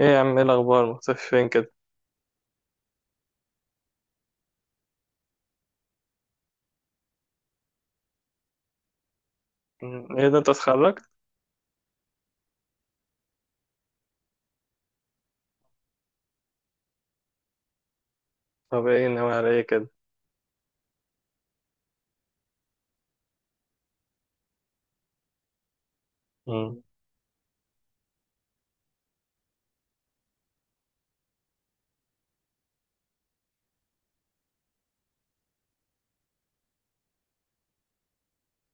ايه يا عم، ايه الاخبار؟ مختفي فين كده؟ مم. ايه ده، انت اتخرجت؟ طب ايه ناوي على ايه كده؟ مم.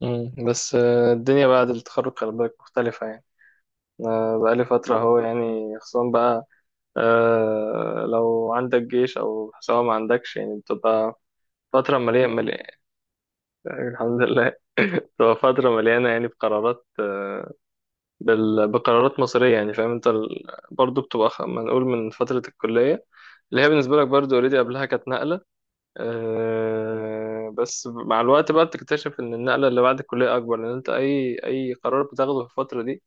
مم. بس الدنيا بعد التخرج خلي بالك مختلفة يعني. بقالي فترة اهو يعني خصوصا بقى. لو عندك جيش او سواء ما عندكش يعني بتبقى فترة مليانة مليانة. الحمد لله. بتبقى فترة مليانة يعني بقرارات مصيرية يعني فاهم انت برضو بتبقى ما نقول من فترة الكلية اللي هي بالنسبة لك برضو اوريدي قبلها كانت نقلة. أه بس مع الوقت بقى بتكتشف ان النقله اللي بعد الكليه اكبر لان انت اي قرار بتاخده في الفتره دي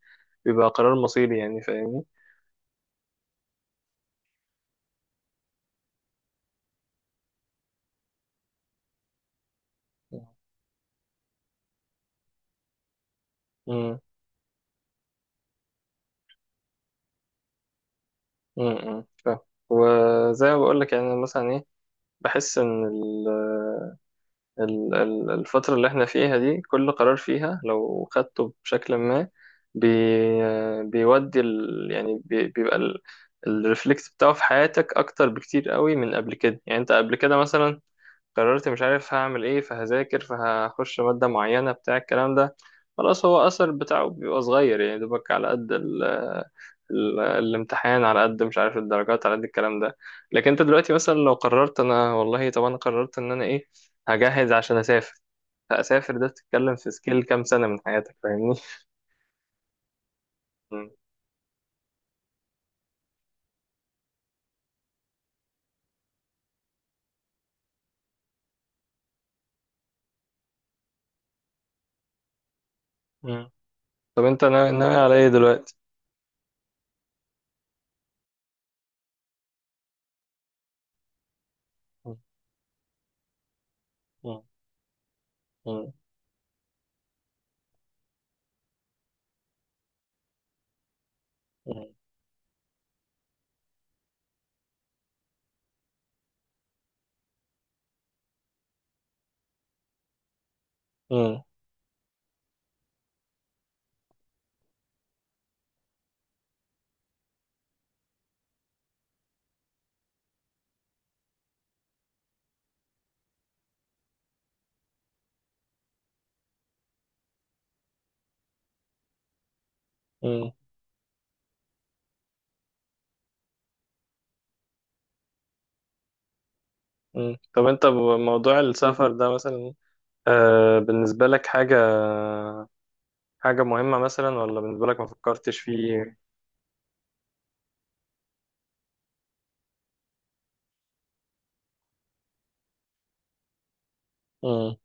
بيبقى قرار مصيري يعني فاهمني. امم، امم. إمم، إمم، فاهم. وزي ما بقول لك يعني أنا مثلا ايه بحس ان الفترة اللي احنا فيها دي كل قرار فيها لو خدته بشكل ما بي بيودي يعني بيبقى الريفلكس بتاعه في حياتك أكتر بكتير قوي من قبل كده. يعني أنت قبل كده مثلا قررت مش عارف هعمل ايه فهذاكر فهخش مادة معينة بتاع الكلام ده، خلاص هو أثر بتاعه بيبقى صغير يعني دوبك على قد ال ال الامتحان، على قد مش عارف الدرجات على قد الكلام ده. لكن انت دلوقتي مثلا لو قررت انا والله، طب انا قررت ان انا ايه، هجهز عشان اسافر، فاسافر ده بتتكلم في سكيل كام سنة من حياتك فاهمني. مم. مم. طب انت ناوي على ايه دلوقتي؟ مم. مم. مم. مم. مم. مم. طب انت بموضوع السفر ده مثلا، بالنسبة لك حاجة مهمة مثلا، ولا بالنسبة لك ما فكرتش فيه؟ مم.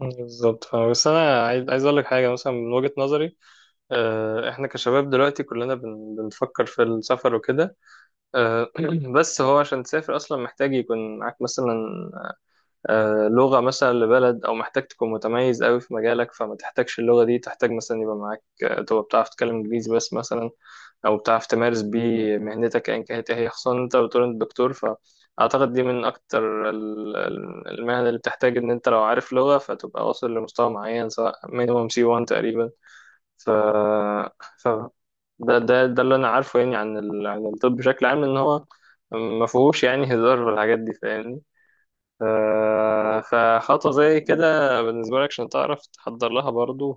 بالظبط فاهم. بس أنا عايز أقول لك حاجة مثلا من وجهة نظري. إحنا كشباب دلوقتي كلنا بنفكر في السفر وكده. آه بس هو عشان تسافر أصلا محتاج يكون معاك مثلا لغة مثلا لبلد، أو محتاج تكون متميز أوي في مجالك فما تحتاجش اللغة دي، تحتاج مثلا يبقى معاك تبقى بتعرف تتكلم إنجليزي بس مثلا، أو بتعرف تمارس بيه مهنتك أيا كانت إيه هي، خصوصا إن أنت بتقول أنت دكتور، فأعتقد دي من أكتر المهن اللي بتحتاج إن أنت لو عارف لغة فتبقى واصل لمستوى معين، سواء مينيموم سي 1 تقريبا. ف... ف... ده اللي أنا عارفه يعني عن عن الطب بشكل عام، إن هو ما فيهوش يعني هزار في الحاجات دي فاهمني. فخطوة زي كده بالنسبة لك عشان تعرف تحضر لها برضو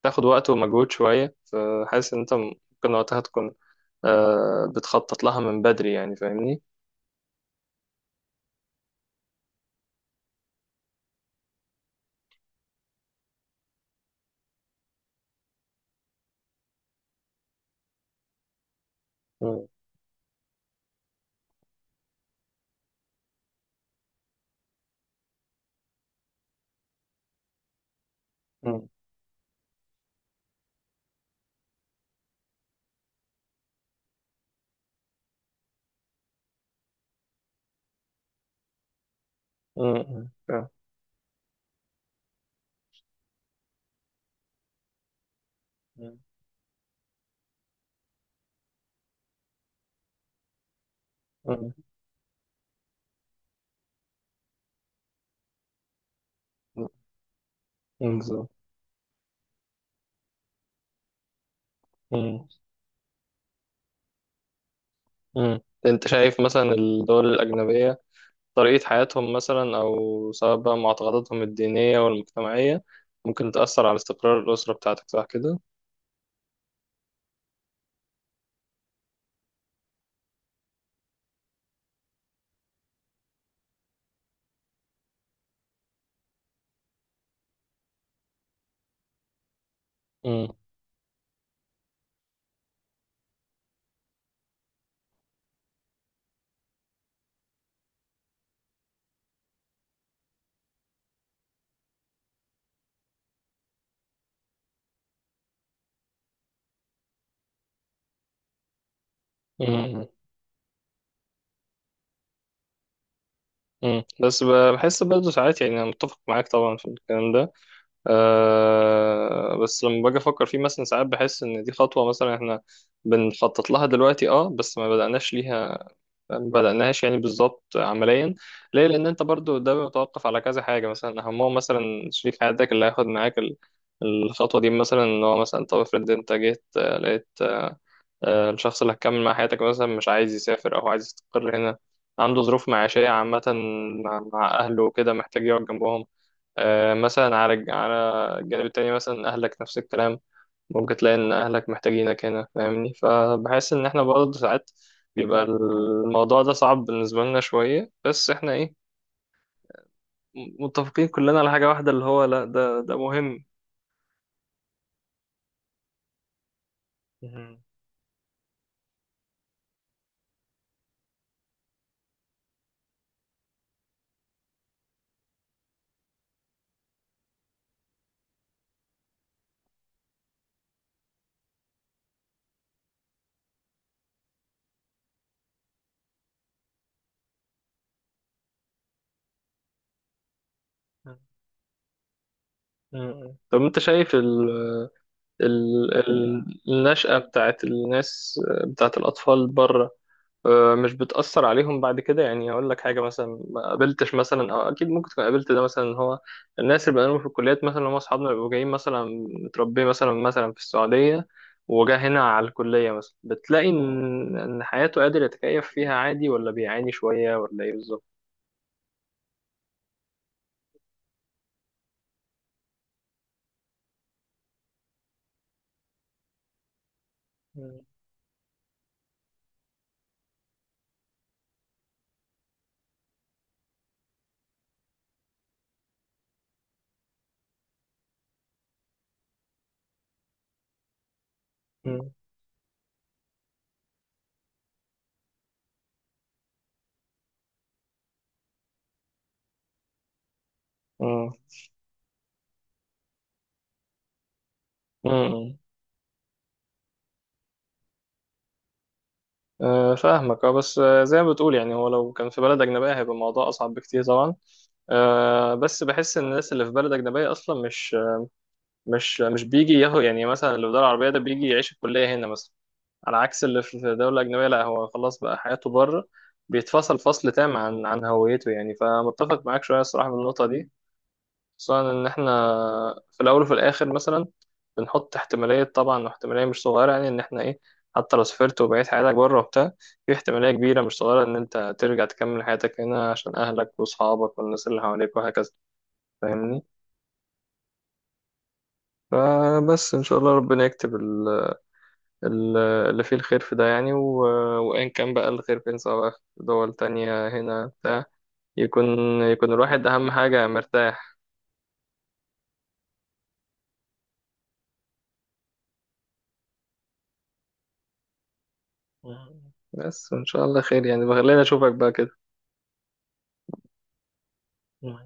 هتاخد وقت ومجهود شوية، فحاسس إن أنت ممكن وقتها تكون بتخطط لها من بدري يعني، فاهمني؟ مم. مم. مم. فاهم. مم. مم. مم. بالظبط. مم. مم. أنت شايف مثلا الدول الأجنبية طريقة حياتهم مثلا، أو سواء بقى معتقداتهم الدينية والمجتمعية، ممكن تأثر على استقرار الأسرة بتاعتك صح كده؟ مم. مم. مم. بس بحس برضه ساعات، يعني انا متفق معاك طبعا في الكلام ده. أه بس لما باجي افكر فيه مثلا ساعات بحس ان دي خطوه مثلا احنا بنخطط لها دلوقتي، اه بس ما بدأناش ليها، ما بدأناهاش يعني بالظبط عمليا، ليه، لان انت برضه ده بيتوقف على كذا حاجه مثلا، اهمهم مثلا شريك حياتك اللي هياخد معاك الخطوه دي، مثلا ان هو مثلا طب افرض انت جيت لقيت الشخص اللي هتكمل مع حياتك مثلا مش عايز يسافر أو عايز يستقر هنا، عنده ظروف معيشية عامة مع أهله وكده محتاج يقعد جنبهم، مثلا على الجانب التاني مثلا أهلك نفس الكلام، ممكن تلاقي إن أهلك محتاجينك هنا فاهمني، فبحس إن إحنا برضه ساعات بيبقى الموضوع ده صعب بالنسبة لنا شوية، بس إحنا إيه، متفقين كلنا على حاجة واحدة، اللي هو لأ، ده مهم مهم. مهم. طب أنت شايف النشأة بتاعت الناس، بتاعت الأطفال بره، مش بتأثر عليهم بعد كده؟ يعني أقول لك حاجة مثلا، ما قابلتش مثلا، أو أكيد ممكن تكون قابلت ده مثلا، إن هو الناس اللي بقالهم في الكليات مثلا هم أصحابنا بيبقوا جايين مثلا متربيين مثلا في السعودية، وجا هنا على الكلية مثلا، بتلاقي إن حياته قادر يتكيف فيها عادي، ولا بيعاني شوية، ولا إيه بالظبط؟ مم. مم. مم. مم. فاهمك اه، بس زي ما بتقول يعني، هو لو كان في بلد أجنبية هيبقى الموضوع أصعب بكتير طبعا، بس بحس ان الناس اللي في بلد اجنبيه اصلا مش بيجي ياهو، يعني مثلا اللي في دوله عربيه ده بيجي يعيش الكليه هنا مثلا، على عكس اللي في دوله اجنبيه، لا هو خلاص بقى حياته بره، بيتفصل فصل تام عن هويته، يعني فمتفق معاك شويه الصراحه من النقطه دي، خصوصا ان احنا في الاول وفي الاخر مثلا بنحط احتماليه طبعا، واحتماليه مش صغيره يعني، ان احنا ايه، حتى لو سافرت وبقيت حياتك بره وبتاع، في احتماليه كبيره مش صغيره ان انت ترجع تكمل حياتك هنا عشان اهلك واصحابك والناس اللي حواليك، وهكذا فاهمني. فبس إن شاء الله ربنا يكتب ال- اللي فيه الخير في ده يعني، وإن كان بقى الخير فين، سواء بقى في دول تانية هنا بتاع، يكون يكون الواحد أهم حاجة مرتاح. مم. بس وإن شاء الله خير يعني، بخليني أشوفك بقى كده. مم.